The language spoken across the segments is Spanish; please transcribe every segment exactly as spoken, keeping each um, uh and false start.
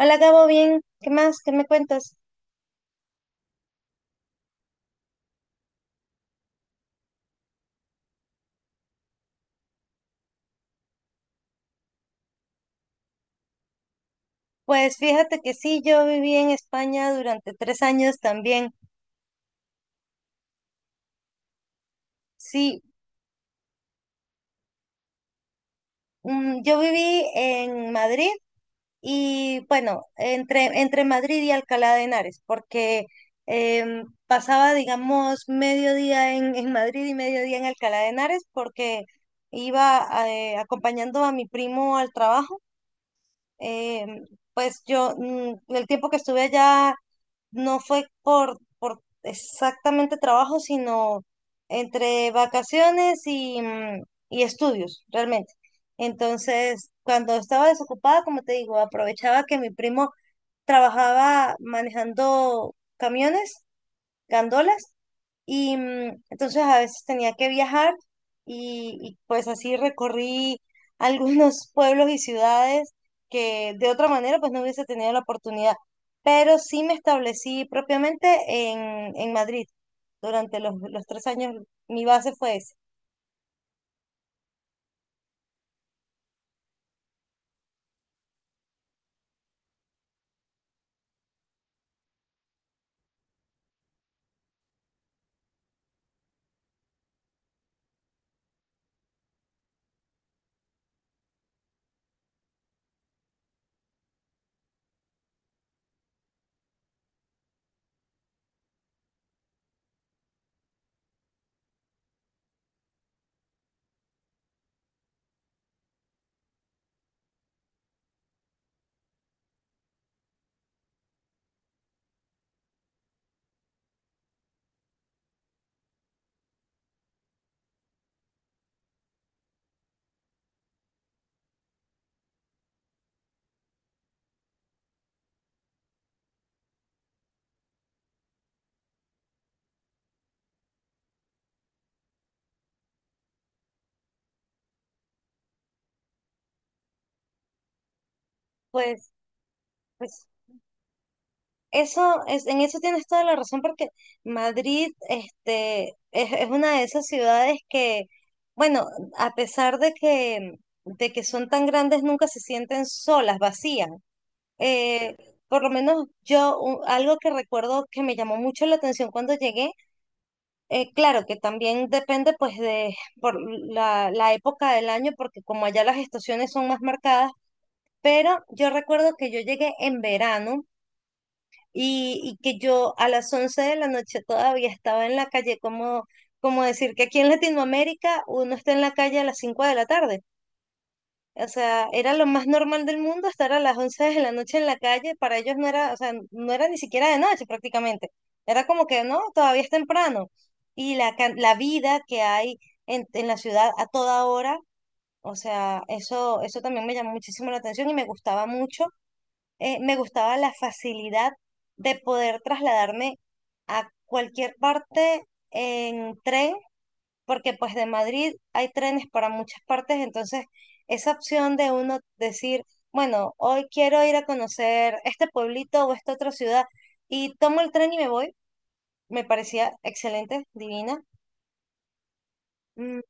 Hola Gabo, bien, ¿qué más? ¿Qué me cuentas? Pues fíjate que sí, yo viví en España durante tres años también. Sí, mm, yo viví en Madrid y bueno, entre, entre Madrid y Alcalá de Henares, porque em, pasaba, digamos, mediodía en, en Madrid y mediodía en Alcalá de Henares, porque iba eh, acompañando a mi primo al trabajo. Em, pues yo, mm, el tiempo que estuve allá no fue por, por exactamente trabajo, sino entre vacaciones y, mm, y estudios, realmente. Entonces, cuando estaba desocupada, como te digo, aprovechaba que mi primo trabajaba manejando camiones, gandolas, y mm, entonces a veces tenía que viajar y, y, pues así recorrí algunos pueblos y ciudades que de otra manera pues no hubiese tenido la oportunidad. Pero sí me establecí propiamente en, en Madrid durante los, los tres años. Mi base fue esa. Pues, pues eso es, en eso tienes toda la razón porque Madrid, este, es, es una de esas ciudades que, bueno, a pesar de que, de que son tan grandes, nunca se sienten solas, vacías. Eh, por lo menos yo, u- algo que recuerdo que me llamó mucho la atención cuando llegué, eh, claro que también depende pues de por la, la época del año, porque como allá las estaciones son más marcadas, pero yo recuerdo que yo llegué en verano y, y que yo a las once de la noche todavía estaba en la calle, como, como decir que aquí en Latinoamérica uno está en la calle a las cinco de la tarde. O sea, era lo más normal del mundo estar a las once de la noche en la calle, para ellos no era, o sea, no era ni siquiera de noche prácticamente. Era como que no, todavía es temprano. Y la, can- la vida que hay en, en la ciudad a toda hora, o sea, eso, eso también me llamó muchísimo la atención y me gustaba mucho. eh, me gustaba la facilidad de poder trasladarme a cualquier parte en tren, porque pues de Madrid hay trenes para muchas partes, entonces esa opción de uno decir, bueno, hoy quiero ir a conocer este pueblito o esta otra ciudad y tomo el tren y me voy, me parecía excelente, divina. Mm,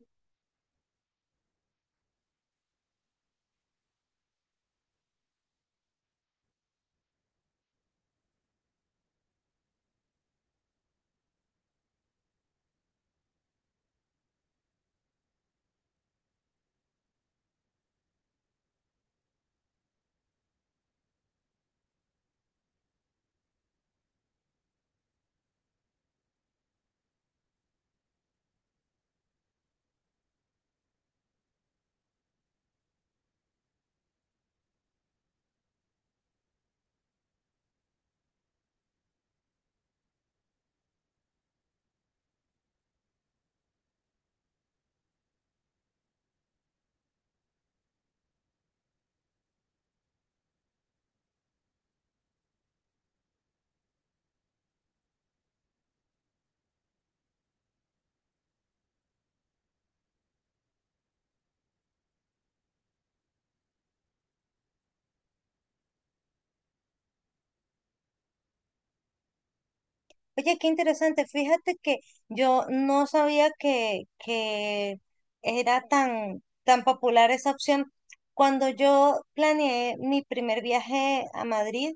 Oye, qué interesante, fíjate que yo no sabía que, que era tan, tan popular esa opción. Cuando yo planeé mi primer viaje a Madrid,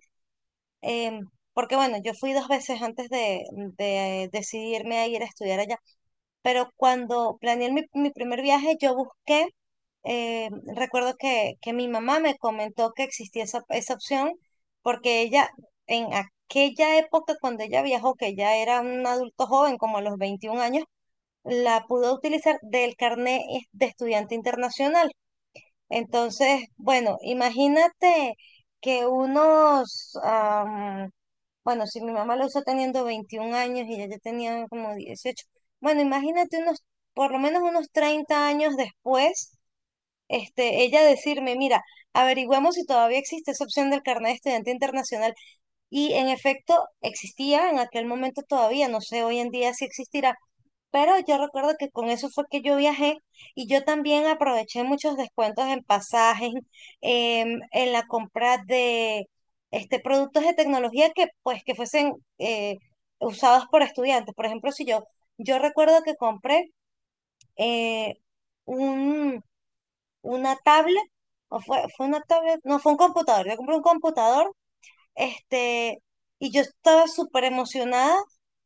Em, porque bueno, yo fui dos veces antes de, de decidirme a ir a estudiar allá, pero cuando planeé mi, mi primer viaje, yo busqué, eh, recuerdo que, que mi mamá me comentó que existía esa, esa opción, porque ella en aquella época, cuando ella viajó, que ya era un adulto joven, como a los veintiún años, la pudo utilizar del carnet de estudiante internacional. Entonces, bueno, imagínate que unos... Bueno, si mi mamá lo usó teniendo veintiún años y ella ya tenía como dieciocho. Bueno, imagínate unos, por lo menos unos treinta años después, este, ella decirme, mira, averigüemos si todavía existe esa opción del carnet de estudiante internacional. Y en efecto, existía en aquel momento todavía, no sé hoy en día si existirá, pero yo recuerdo que con eso fue que yo viajé y yo también aproveché muchos descuentos en pasajes, em, en la compra de este, productos de tecnología que pues que fuesen eh, usados por estudiantes. Por ejemplo, si yo, yo recuerdo que compré eh, un, una tablet, o fue, fue una tablet, no, fue un computador. Yo compré un computador este, y yo estaba súper emocionada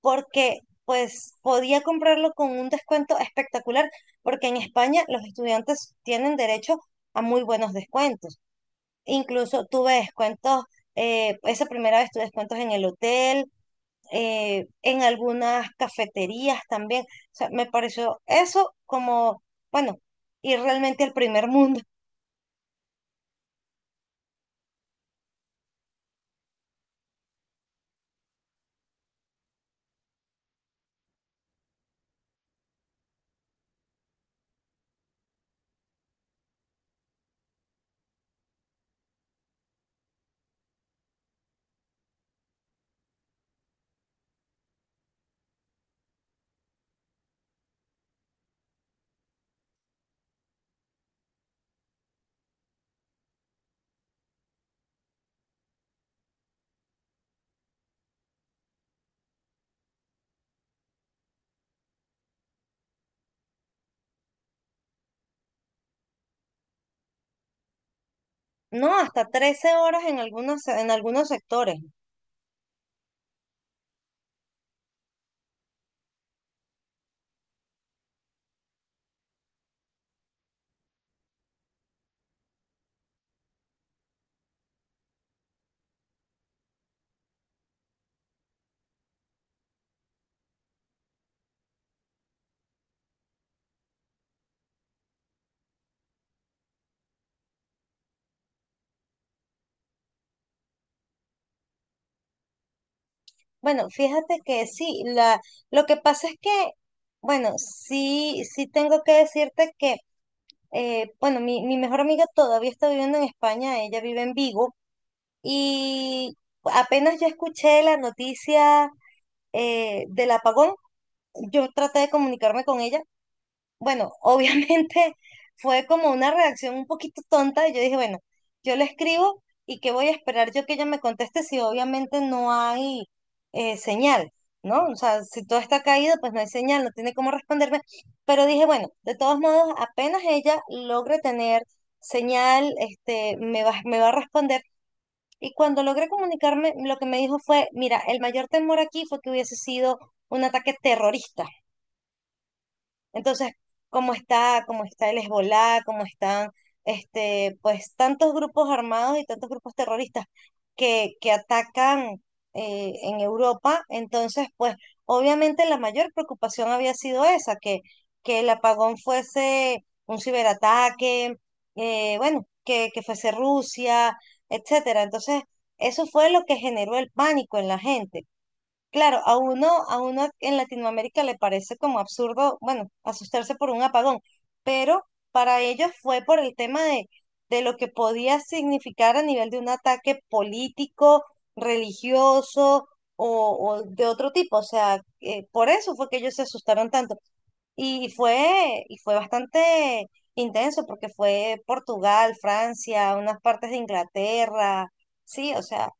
porque pues podía comprarlo con un descuento espectacular, porque en España los estudiantes tienen derecho a muy buenos descuentos. Incluso tuve descuentos, eh, esa primera vez tuve descuentos en el hotel, eh, en algunas cafeterías también. O sea, me pareció eso como, bueno, ir realmente al primer mundo. No, hasta trece horas en algunos, en algunos sectores, ¿no? Bueno, fíjate que sí, la, lo que pasa es que, bueno, sí, sí tengo que decirte que, eh, bueno, mi, mi mejor amiga todavía está viviendo en España, ella vive en Vigo, y apenas yo escuché la noticia eh, del apagón, yo traté de comunicarme con ella, bueno, obviamente fue como una reacción un poquito tonta y yo dije, bueno, yo le escribo y qué voy a esperar yo que ella me conteste si obviamente no hay eh, señal, ¿no? O sea, si todo está caído, pues no hay señal, no tiene cómo responderme. Pero dije, bueno, de todos modos, apenas ella logre tener señal, este, me va, me va a responder. Y cuando logré comunicarme, lo que me dijo fue, mira, el mayor temor aquí fue que hubiese sido un ataque terrorista. Entonces, como está, como está el Hezbolá, como están este, pues tantos grupos armados y tantos grupos terroristas que, que atacan eh, en Europa, entonces, pues obviamente la mayor preocupación había sido esa, que, que el apagón fuese un ciberataque, eh, bueno, que, que fuese Rusia, etcétera. Entonces, eso fue lo que generó el pánico en la gente. Claro, a uno, a uno en Latinoamérica le parece como absurdo, bueno, asustarse por un apagón, pero para ellos fue por el tema de, de lo que podía significar a nivel de un ataque político, religioso o, o de otro tipo. O sea, eh, por eso fue que ellos se asustaron tanto. Y fue, y fue bastante intenso porque fue Portugal, Francia, unas partes de Inglaterra, sí, o sea,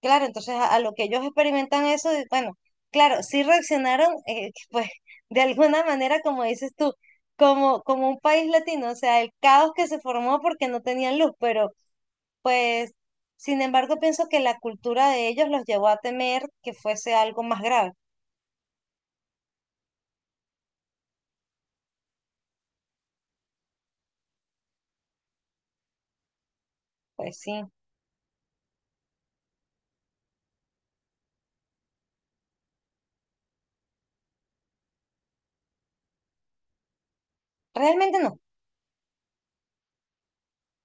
claro, entonces a, a lo que ellos experimentan eso, y bueno, claro, sí reaccionaron, eh, pues de alguna manera, como dices tú, como, como un país latino, o sea, el caos que se formó porque no tenían luz, pero pues, sin embargo, pienso que la cultura de ellos los llevó a temer que fuese algo más grave, pues sí, realmente no,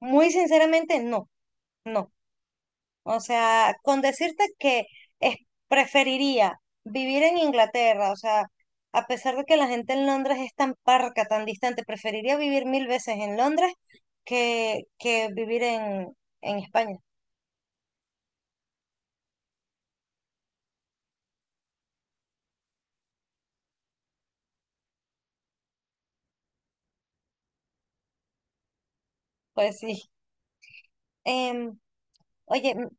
muy sinceramente no. No. O sea, con decirte que es- preferiría vivir en Inglaterra, o sea, a pesar de que la gente en Londres es tan parca, tan distante, preferiría vivir mil veces en Londres que, que vivir en, en España. Pues sí. Em, oye, m-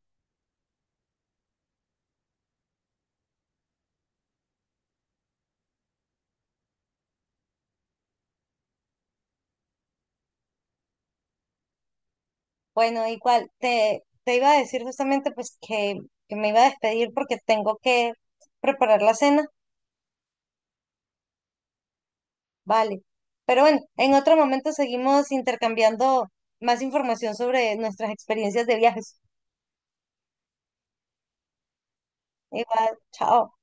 bueno, igual, te, te iba a decir justamente pues que, que me iba a despedir porque tengo que preparar la cena, vale. Pero bueno, en otro momento seguimos intercambiando más información sobre nuestras experiencias de viajes. Igual, chao.